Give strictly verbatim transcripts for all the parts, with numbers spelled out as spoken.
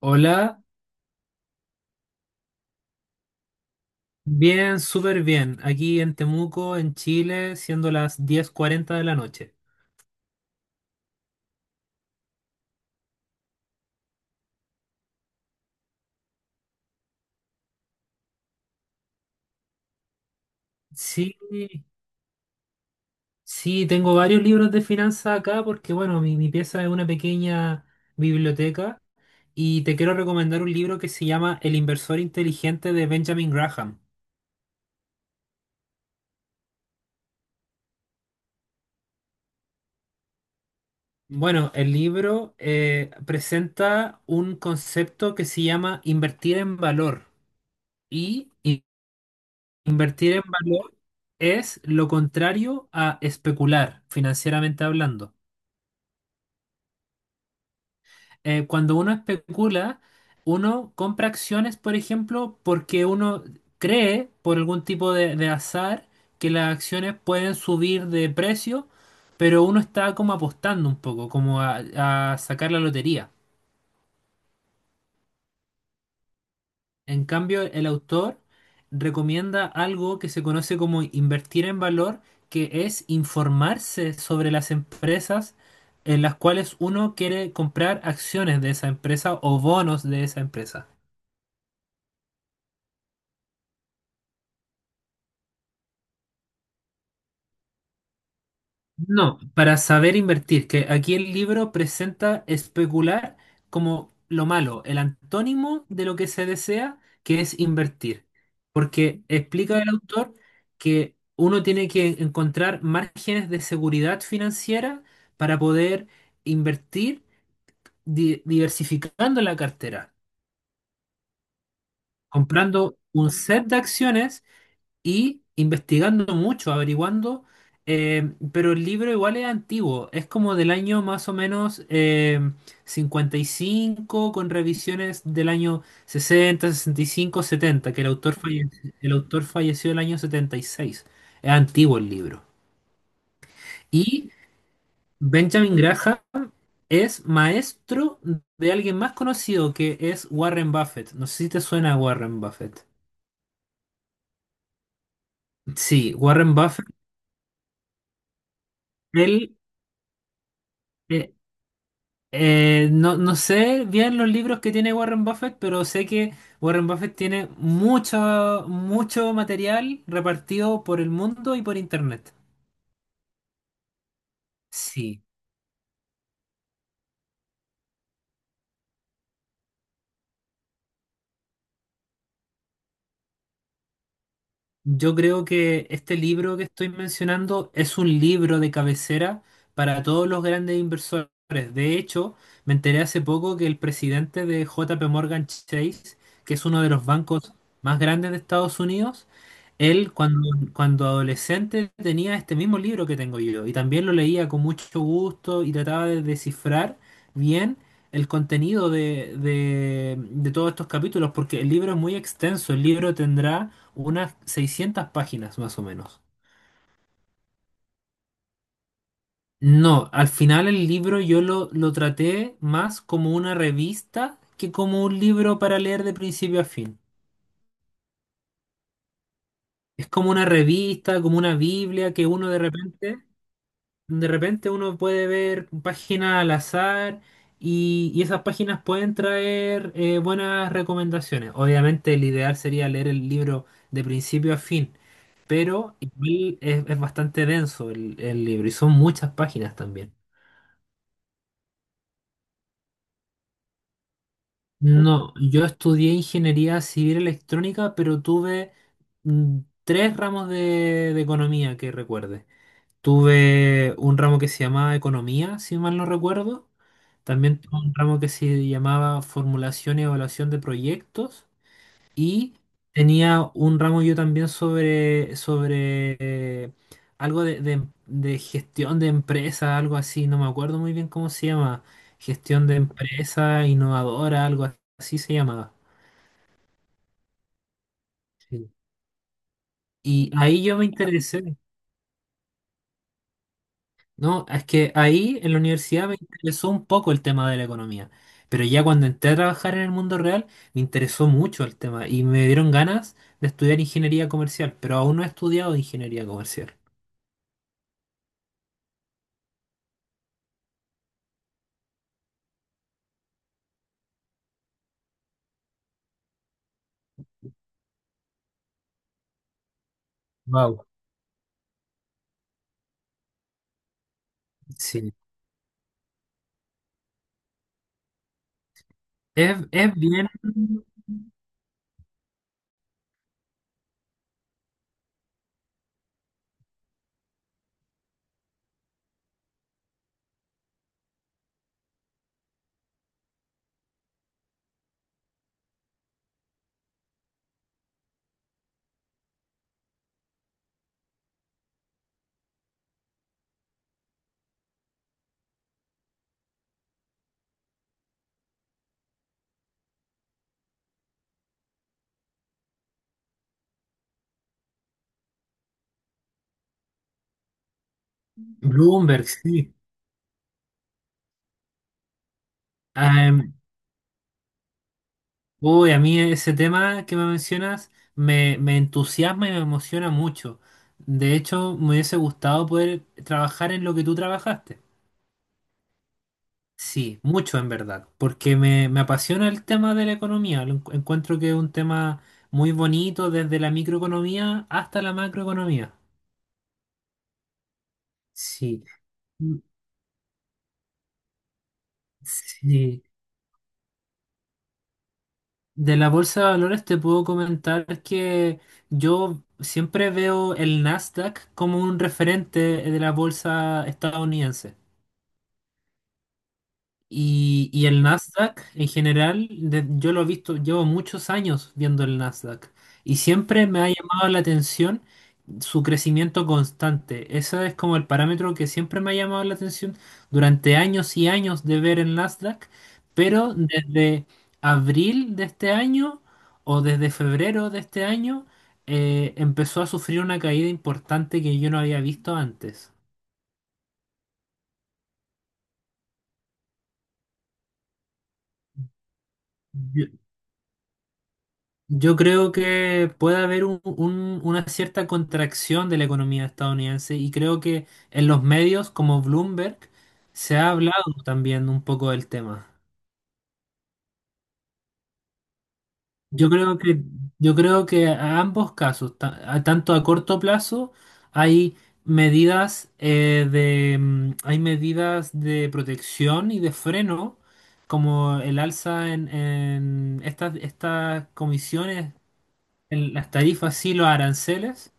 Hola, bien, súper bien. Aquí en Temuco, en Chile, siendo las diez cuarenta de la noche. Sí, sí, tengo varios libros de finanzas acá porque, bueno, mi, mi pieza es una pequeña biblioteca y te quiero recomendar un libro que se llama El inversor inteligente de Benjamin Graham. Bueno, el libro eh, presenta un concepto que se llama invertir en valor y invertir en valor es lo contrario a especular, financieramente hablando. Eh, cuando uno especula, uno compra acciones, por ejemplo, porque uno cree, por algún tipo de, de azar, que las acciones pueden subir de precio, pero uno está como apostando un poco, como a, a sacar la lotería. En cambio, el autor recomienda algo que se conoce como invertir en valor, que es informarse sobre las empresas en las cuales uno quiere comprar acciones de esa empresa o bonos de esa empresa. No, para saber invertir, que aquí el libro presenta especular como lo malo, el antónimo de lo que se desea, que es invertir. Porque explica el autor que uno tiene que encontrar márgenes de seguridad financiera para poder invertir di- diversificando la cartera, comprando un set de acciones y investigando mucho, averiguando, eh, pero el libro igual es antiguo, es como del año más o menos eh, cincuenta y cinco, con revisiones del año sesenta, sesenta y cinco, setenta, que el autor falleció, el autor falleció el año setenta y seis. Es antiguo el libro. Y Benjamin Graham es maestro de alguien más conocido que es Warren Buffett. No sé si te suena Warren Buffett. Sí, Warren Buffett, él, eh, Eh, no, no sé bien los libros que tiene Warren Buffett, pero sé que Warren Buffett tiene mucho, mucho material repartido por el mundo y por internet. Sí. Yo creo que este libro que estoy mencionando es un libro de cabecera para todos los grandes inversores. De hecho, me enteré hace poco que el presidente de J P Morgan Chase, que es uno de los bancos más grandes de Estados Unidos, él cuando, cuando adolescente tenía este mismo libro que tengo yo y también lo leía con mucho gusto y trataba de descifrar bien el contenido de, de de todos estos capítulos porque el libro es muy extenso, el libro tendrá unas seiscientas páginas más o menos. No, al final el libro yo lo, lo traté más como una revista que como un libro para leer de principio a fin. Es como una revista, como una Biblia que uno de repente, de repente uno puede ver páginas al azar y, y esas páginas pueden traer eh, buenas recomendaciones. Obviamente el ideal sería leer el libro de principio a fin, pero igual es, es bastante denso el el libro y son muchas páginas también. No, yo estudié ingeniería civil electrónica, pero tuve mm, tres ramos de, de economía que recuerde. Tuve un ramo que se llamaba economía, si mal no recuerdo. También tuve un ramo que se llamaba formulación y evaluación de proyectos. Y tenía un ramo yo también sobre, sobre eh, algo de, de- de gestión de empresa, algo así, no me acuerdo muy bien cómo se llama. Gestión de empresa innovadora, algo así se llamaba. Sí. Y ahí yo me interesé, ¿no? Es que ahí en la universidad me interesó un poco el tema de la economía, pero ya cuando entré a trabajar en el mundo real me interesó mucho el tema y me dieron ganas de estudiar ingeniería comercial, pero aún no he estudiado ingeniería comercial. Wow. Sí. Es, es bien Bloomberg, sí. Am, uy, a mí ese tema que me mencionas me, me entusiasma y me emociona mucho. De hecho, me hubiese gustado poder trabajar en lo que tú trabajaste. Sí, mucho en verdad, porque me, me apasiona el tema de la economía. Lo encu- encuentro que es un tema muy bonito desde la microeconomía hasta la macroeconomía. Sí, mm, sí. De la bolsa de valores te puedo comentar que yo siempre veo el Nasdaq como un referente de la bolsa estadounidense. Y, y el Nasdaq en general, de- yo lo he visto, llevo muchos años viendo el Nasdaq y siempre me ha llamado la atención su crecimiento constante. Ese es como el parámetro que siempre me ha llamado la atención durante años y años de ver el Nasdaq, pero desde abril de este año o desde febrero de este año eh, empezó a sufrir una caída importante que yo no había visto antes. Yo creo que puede haber un- un- una cierta contracción de la economía estadounidense y creo que en los medios como Bloomberg se ha hablado también un poco del tema. Yo creo que, yo creo que a ambos casos, ta- a- tanto a corto plazo, hay medidas eh, de, mm, hay medidas de protección y de freno, como el alza en, en estas, estas comisiones, en las tarifas y los aranceles.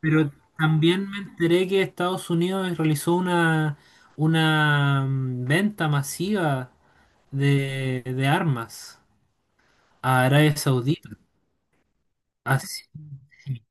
Pero también me enteré que Estados Unidos realizó una, una mm, venta masiva de, de armas a Arabia Saudita. Así, sí,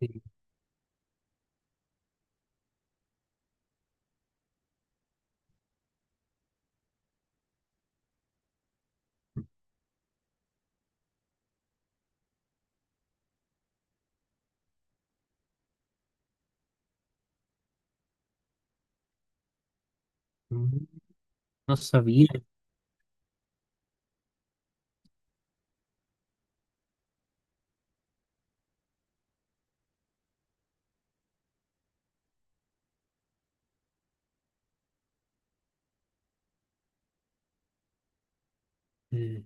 sí. No sabía. eh,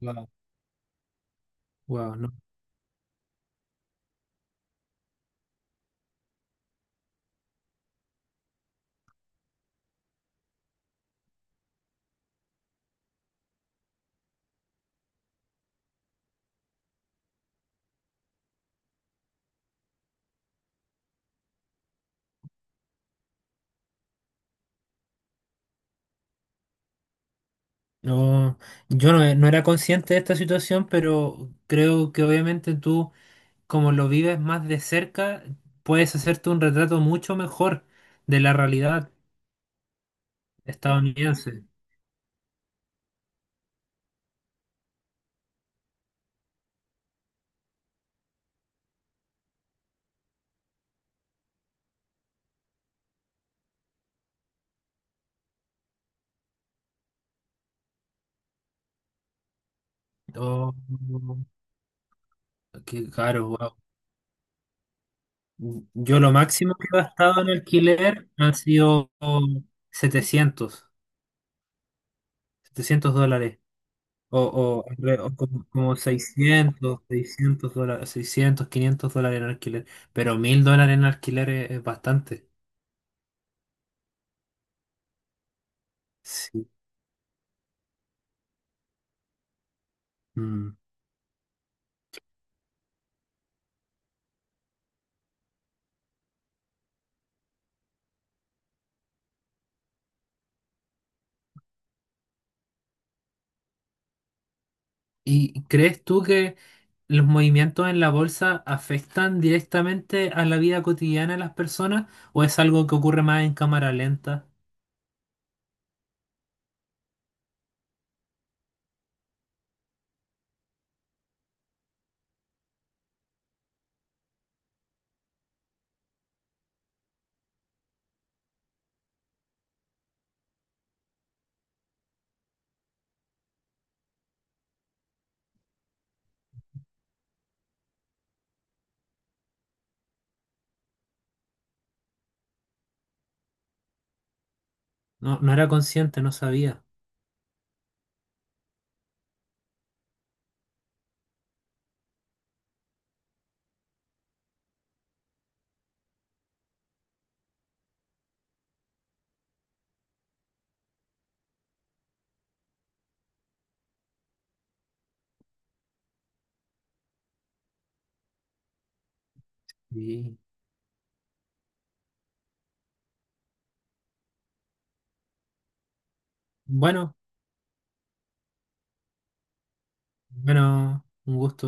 Wow, wow, no, no, yo no, no era consciente de esta situación, pero creo que obviamente tú, como lo vives más de cerca, puedes hacerte un retrato mucho mejor de la realidad estadounidense. Oh, qué caro, wow. Yo lo máximo que he gastado en alquiler han sido setecientos setecientos dólares. O, o, re- o como, como seiscientos seiscientos dólares, seiscientos quinientos dólares en alquiler. Pero mil dólares en alquiler es, es bastante. Sí. Mm. ¿Y crees tú que los movimientos en la bolsa afectan directamente a la vida cotidiana de las personas? ¿O es algo que ocurre más en cámara lenta? No, no era consciente, no sabía. Sí. Bueno, bueno, un gusto.